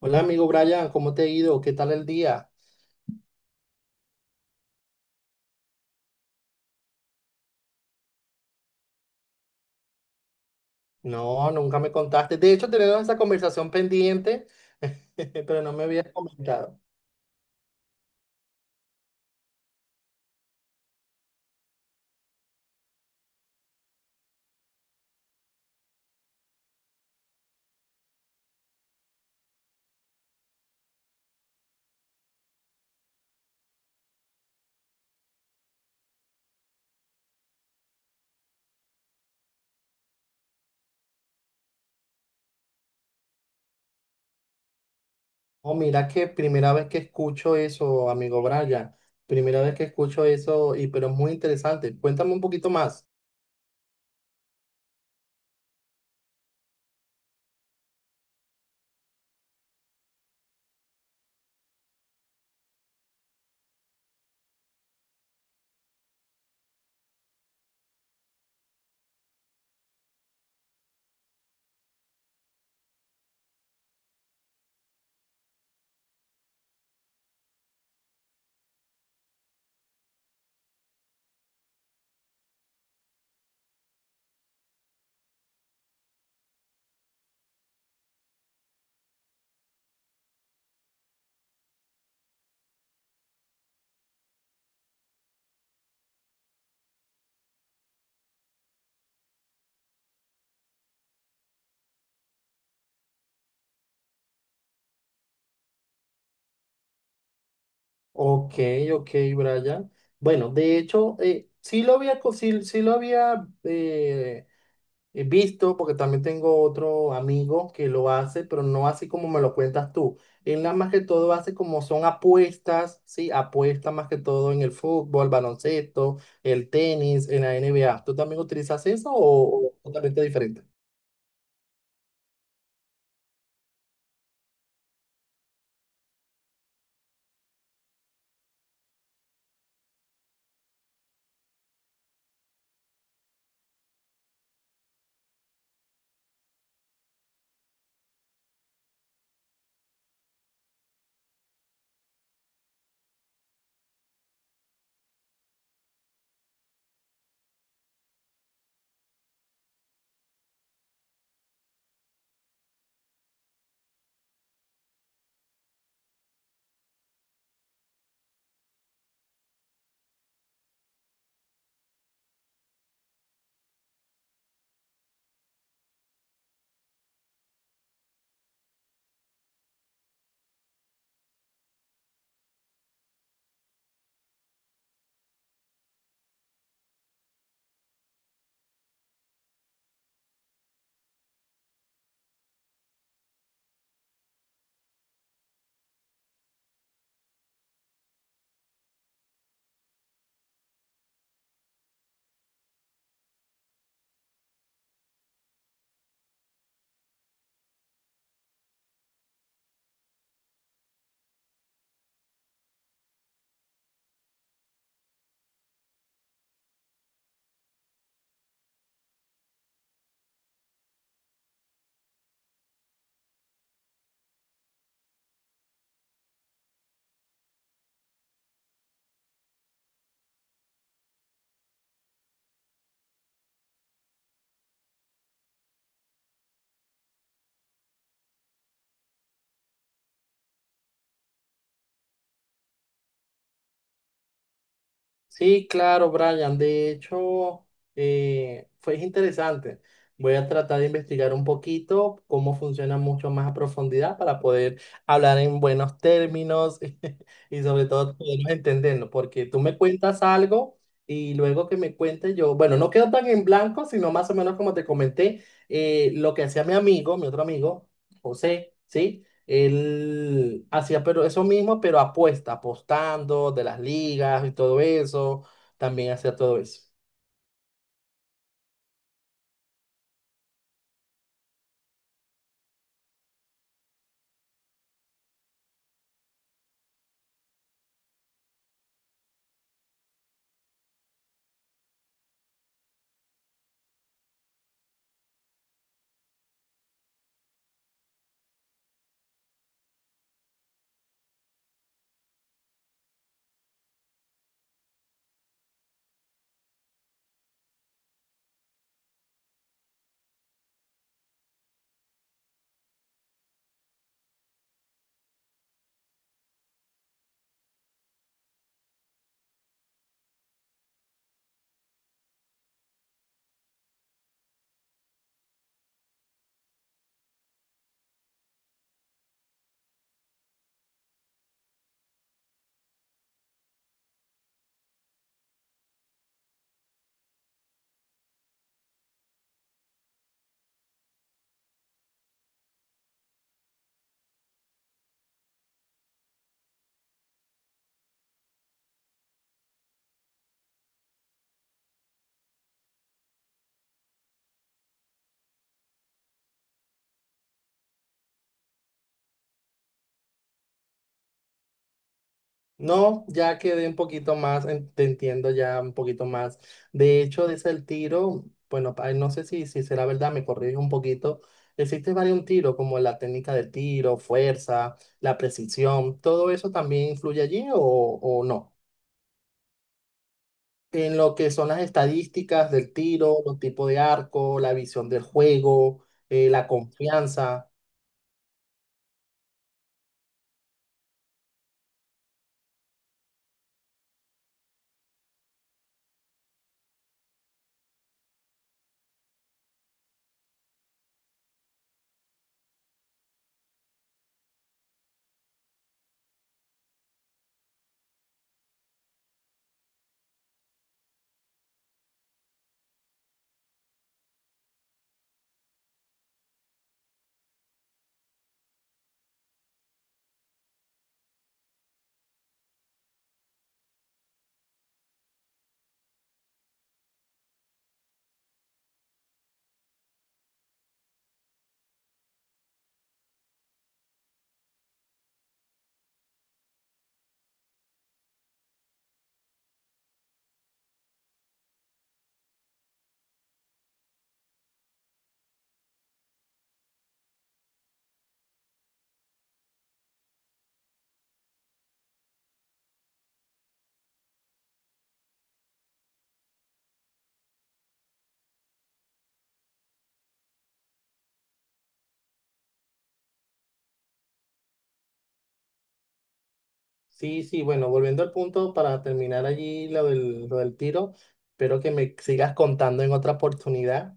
Hola amigo Brian, ¿cómo te ha ido? ¿Qué tal el día? No, nunca me contaste. De hecho, tenemos esa conversación pendiente, pero no me habías comentado. Oh, mira que primera vez que escucho eso, amigo Brian. Primera vez que escucho eso, y pero es muy interesante. Cuéntame un poquito más. Ok, ok, Brian. Bueno, de hecho, sí lo había, sí, sí lo había he visto, porque también tengo otro amigo que lo hace, pero no así como me lo cuentas tú. Él nada más que todo hace como son apuestas, ¿sí? Apuestas más que todo en el fútbol, baloncesto, el tenis, en la NBA. ¿Tú también utilizas eso o totalmente diferente? Sí, claro, Brian. De hecho, fue interesante. Voy a tratar de investigar un poquito cómo funciona mucho más a profundidad para poder hablar en buenos términos y sobre todo podernos entendernos, porque tú me cuentas algo y luego que me cuentes yo, bueno, no quedo tan en blanco, sino más o menos como te comenté, lo que hacía mi amigo, mi otro amigo, José, ¿sí? Él hacía pero eso mismo, pero apuesta, apostando de las ligas y todo eso. También hacía todo eso. No, ya quedé un poquito más, te entiendo ya un poquito más. De hecho, desde el tiro, bueno, no sé si, si será verdad, me corrige un poquito. Existe varios tiros, como la técnica de tiro, fuerza, la precisión, ¿todo eso también influye allí o no? En lo que son las estadísticas del tiro, los tipos de arco, la visión del juego, la confianza. Sí, sí, bueno, volviendo al punto para terminar allí lo del tiro, espero que me sigas contando en otra oportunidad.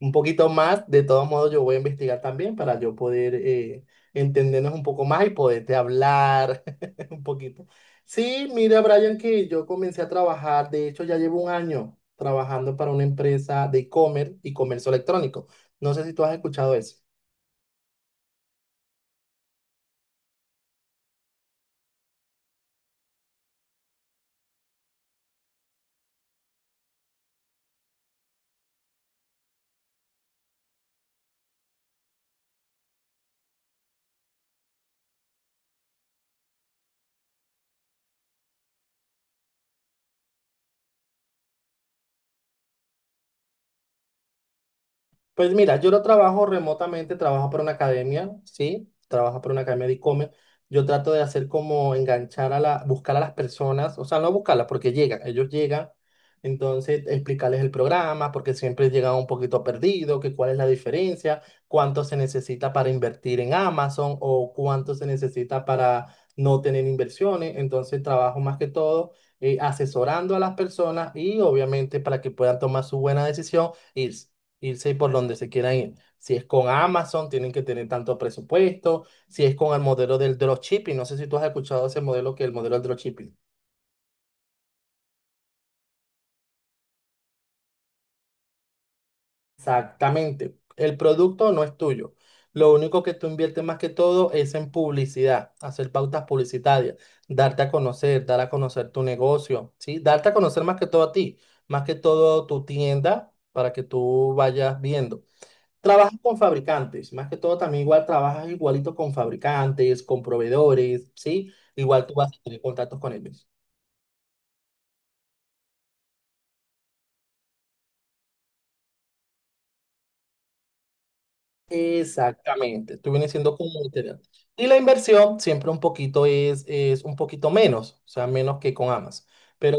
Un poquito más. De todos modos, yo voy a investigar también para yo poder entendernos un poco más y poderte hablar un poquito. Sí, mira, Brian, que yo comencé a trabajar, de hecho, ya llevo un año trabajando para una empresa de e-commerce y comercio electrónico. No sé si tú has escuchado eso. Pues mira, yo lo trabajo remotamente, trabajo para una academia, ¿sí? Trabajo para una academia de e-commerce. Yo trato de hacer como enganchar a la, buscar a las personas, o sea, no buscarlas porque llegan, ellos llegan, entonces explicarles el programa, porque siempre llegan un poquito perdido, que cuál es la diferencia, cuánto se necesita para invertir en Amazon o cuánto se necesita para no tener inversiones. Entonces trabajo más que todo asesorando a las personas y obviamente para que puedan tomar su buena decisión. Y irse por donde se quieran ir. Si es con Amazon, tienen que tener tanto presupuesto. Si es con el modelo del dropshipping, no sé si tú has escuchado ese modelo que es el modelo del dropshipping. Exactamente. El producto no es tuyo. Lo único que tú inviertes más que todo es en publicidad, hacer pautas publicitarias, darte a conocer, dar a conocer tu negocio, ¿sí? Darte a conocer más que todo a ti, más que todo tu tienda para que tú vayas viendo. Trabajas con fabricantes, más que todo también igual trabajas igualito con fabricantes, con proveedores, ¿sí? Igual tú vas a tener contactos con ellos. Exactamente, tú vienes siendo como material. Y la inversión siempre un poquito es un poquito menos, o sea, menos que con Amas. Pero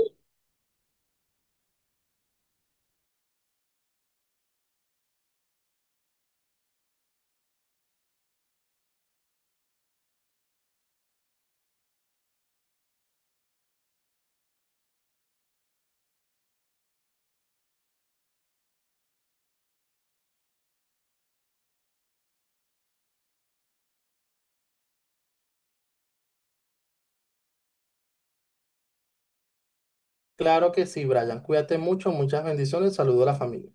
claro que sí, Brian, cuídate mucho, muchas bendiciones, saludo a la familia.